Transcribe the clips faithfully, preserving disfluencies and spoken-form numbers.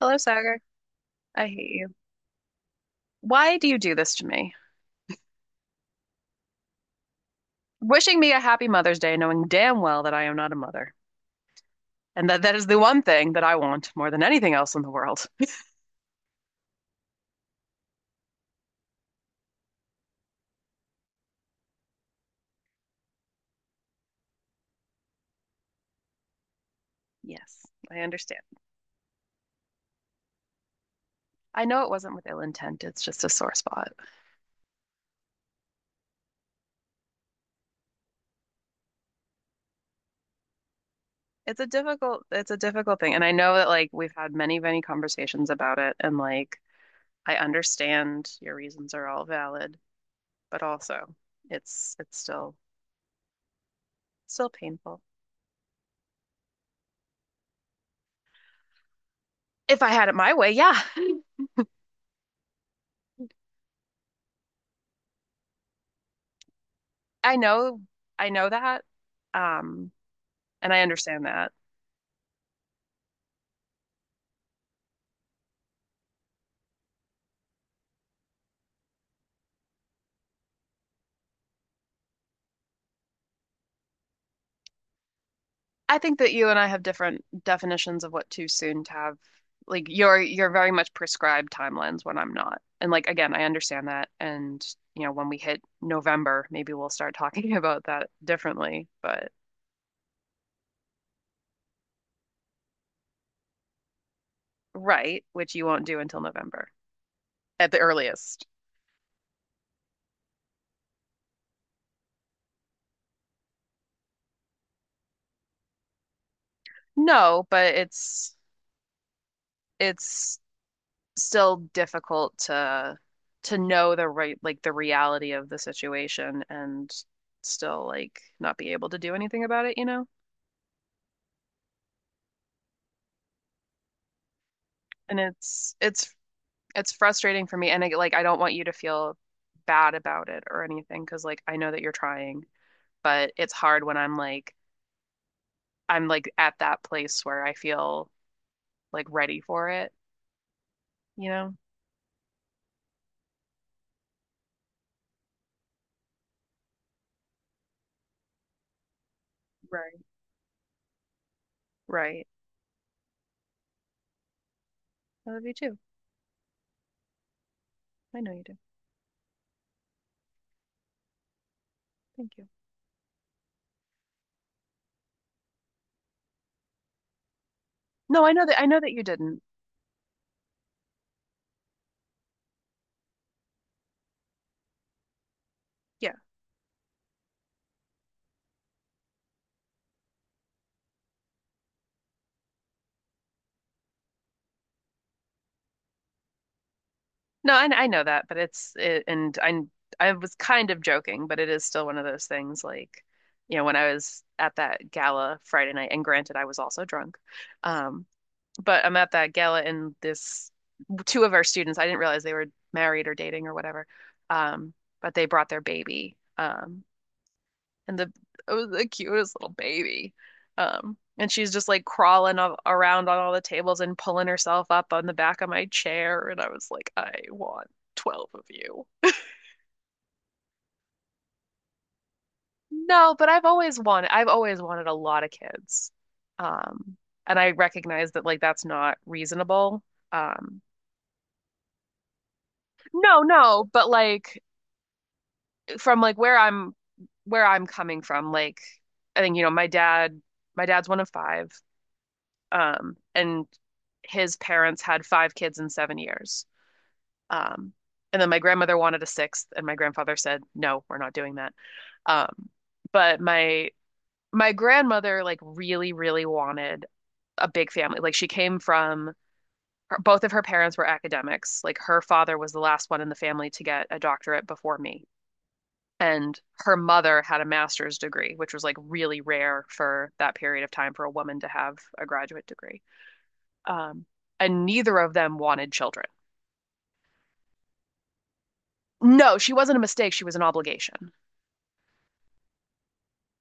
Hello, Sagar. I hate you. Why do you do this to me? Wishing me a happy Mother's Day, knowing damn well that I am not a mother, and that that is the one thing that I want more than anything else in the world. Yes, I understand. I know it wasn't with ill intent. It's just a sore spot. It's a difficult, it's a difficult thing, and I know that like we've had many, many conversations about it, and like I understand your reasons are all valid, but also it's it's still still painful. If I had it my way, yeah. I know I know that. Um, and I understand that. I think that you and I have different definitions of what too soon to have. Like you're you're very much prescribed timelines when I'm not. And like again, I understand that. And you know, when we hit November, maybe we'll start talking about that differently. But. Right, which you won't do until November at the earliest. No, but it's it's still difficult to to know the right like the reality of the situation and still like not be able to do anything about it, you know? And it's it's it's frustrating for me and I, like I don't want you to feel bad about it or anything, because like I know that you're trying, but it's hard when I'm like I'm like at that place where I feel like ready for it, you know? Right. Right. I love you too. I know you do. Thank you. No, I know that I know that you didn't. Yeah. No, I I know that, but it's it, and I I was kind of joking, but it is still one of those things like, you know, when I was at that gala Friday night, and granted I was also drunk. Um, but I'm at that gala and this two of our students, I didn't realize they were married or dating or whatever. Um, but they brought their baby. Um, and the it was the cutest little baby. Um, and she's just like crawling a- around on all the tables and pulling herself up on the back of my chair, and I was like, I want twelve of you. No, but I've always wanted I've always wanted a lot of kids. Um, and I recognize that like that's not reasonable. Um, no, no, but like from like where I'm where I'm coming from, like I think, you know, my dad, my dad's one of five. Um, and his parents had five kids in seven years. Um, and then my grandmother wanted a sixth, and my grandfather said, "No, we're not doing that." Um, but my my grandmother like really, really wanted a big family. Like she came from her, both of her parents were academics. Like her father was the last one in the family to get a doctorate before me. And her mother had a master's degree, which was like really rare for that period of time for a woman to have a graduate degree. Um, and neither of them wanted children. No, she wasn't a mistake. She was an obligation.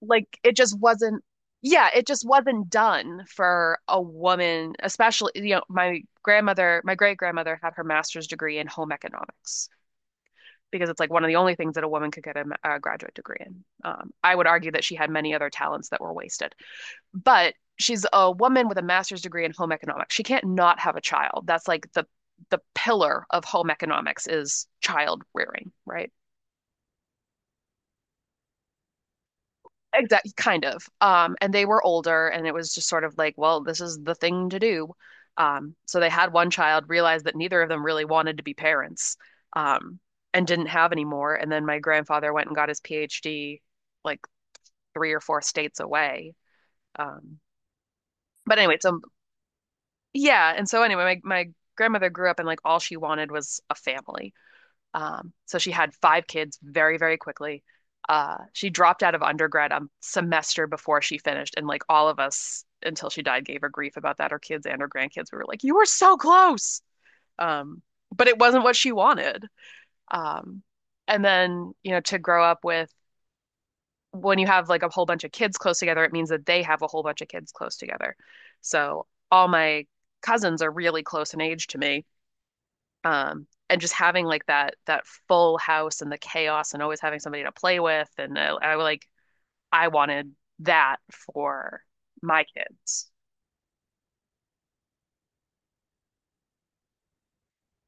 Like it just wasn't, yeah, it just wasn't done for a woman, especially, you know, my grandmother, my great grandmother had her master's degree in home economics because it's like one of the only things that a woman could get a, a graduate degree in. Um, I would argue that she had many other talents that were wasted. But she's a woman with a master's degree in home economics. She can't not have a child. That's like the the pillar of home economics is child rearing, right? Exactly, kind of. Um, and they were older, and it was just sort of like, well, this is the thing to do. Um, so they had one child, realized that neither of them really wanted to be parents, um, and didn't have any more. And then my grandfather went and got his PhD like three or four states away. Um, but anyway, so yeah. And so anyway, my, my grandmother grew up and like all she wanted was a family. Um, so she had five kids very, very quickly. Uh, she dropped out of undergrad a semester before she finished, and like all of us until she died gave her grief about that, her kids and her grandkids. We were like, "You were so close." Um, but it wasn't what she wanted. Um, and then, you know, to grow up with when you have like a whole bunch of kids close together, it means that they have a whole bunch of kids close together. So all my cousins are really close in age to me. Um, and just having like that that full house and the chaos and always having somebody to play with and I, I like I wanted that for my kids.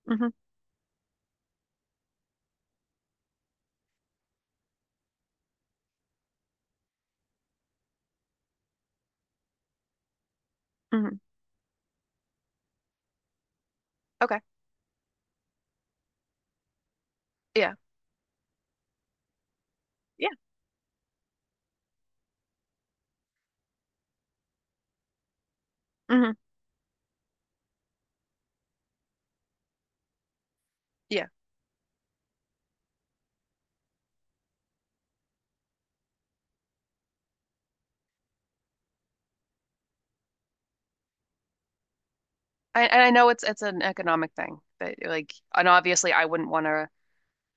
Hmm. Hmm. Okay. Yeah. Yeah. Hmm. Yeah. I, and I know it's it's an economic thing, but like and obviously I wouldn't want to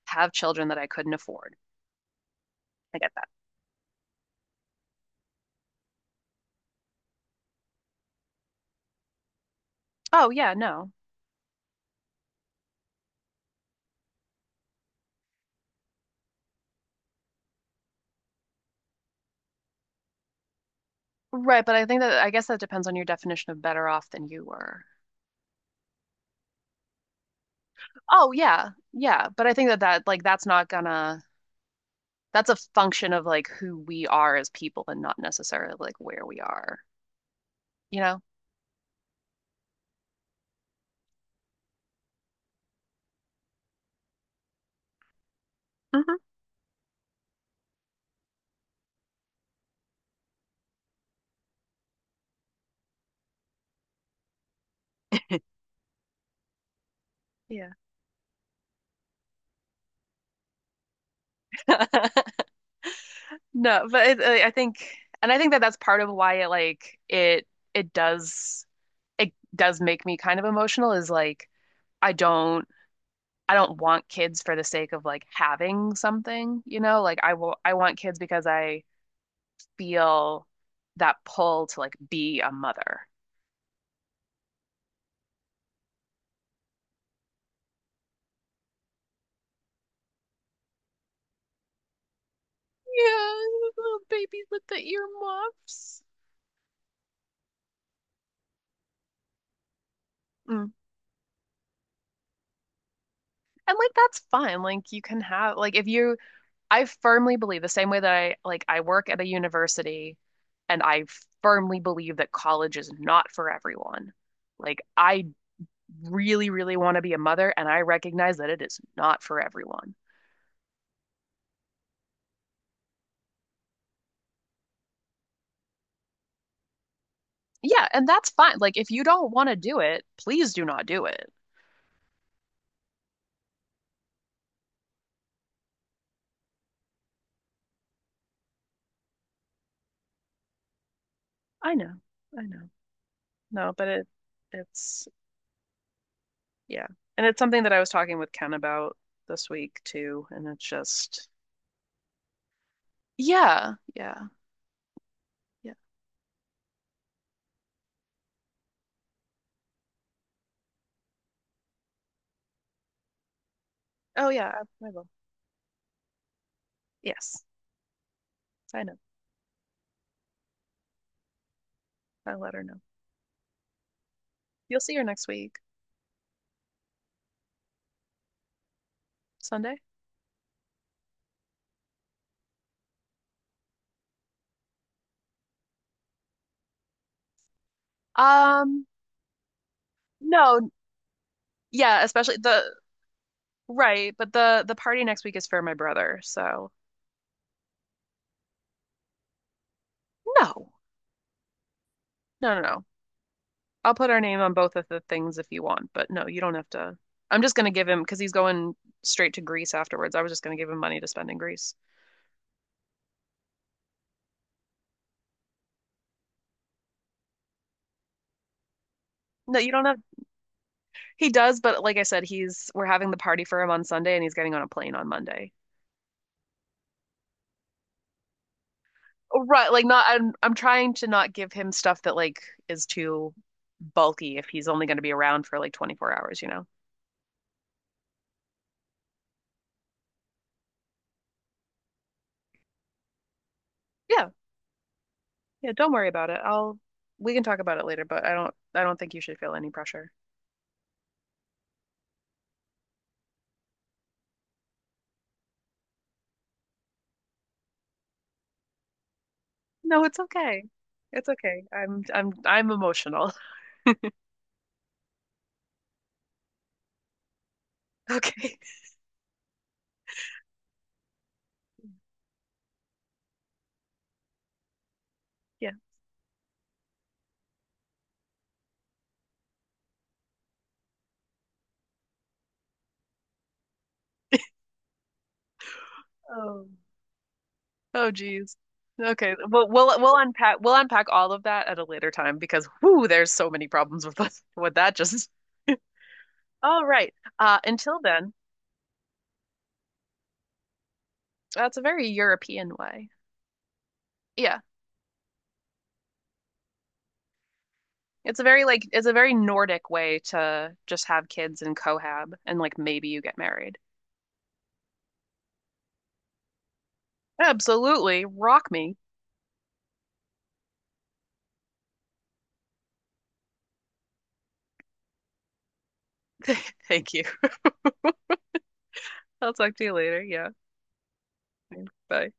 have children that I couldn't afford. I get that. Oh yeah, no. Right, but I think that I guess that depends on your definition of better off than you were. Oh yeah, yeah, but I think that that like that's not gonna that's a function of like who we are as people and not necessarily like where we are, you know? Hmm. Yeah. No, but it, I I think and I think that that's part of why it like it it does it does make me kind of emotional is like I don't I don't want kids for the sake of like having something, you know? Like I will I want kids because I feel that pull to like be a mother. Yeah, little babies with the earmuffs. Mm. And like that's fine. Like you can have, like, if you I firmly believe the same way that I like I work at a university and I firmly believe that college is not for everyone. Like I really really want to be a mother and I recognize that it is not for everyone. Yeah, and that's fine. Like if you don't want to do it, please do not do it. I know. I know. No, but it it's, yeah. And it's something that I was talking with Ken about this week too, and it's just yeah, yeah, yeah. Oh yeah, I, I will. Yes, I know. I'll let her know. You'll see her next week, Sunday. Um, no, yeah, especially the right, but the the party next week is for my brother, so no. No, no, no. I'll put our name on both of the things if you want, but no, you don't have to. I'm just gonna give him because he's going straight to Greece afterwards. I was just gonna give him money to spend in Greece. No, you don't have. He does, but like I said, he's we're having the party for him on Sunday and he's getting on a plane on Monday. Oh, right, like not, I'm I'm trying to not give him stuff that like is too bulky if he's only going to be around for like twenty-four hours, you know. Yeah. Yeah, don't worry about it. I'll we can talk about it later, but I don't I don't think you should feel any pressure. No, it's okay. It's okay. I'm I'm I'm emotional. Okay. Yeah. Oh. Oh geez. Okay. Well, we'll we'll unpack we'll unpack all of that at a later time because whoo, there's so many problems with us with that just. All right. Uh, until then, that's a very European way. Yeah. It's a very like it's a very Nordic way to just have kids and cohab and like maybe you get married. Absolutely. Rock me. Thank you. I'll talk to you later. Yeah. Bye.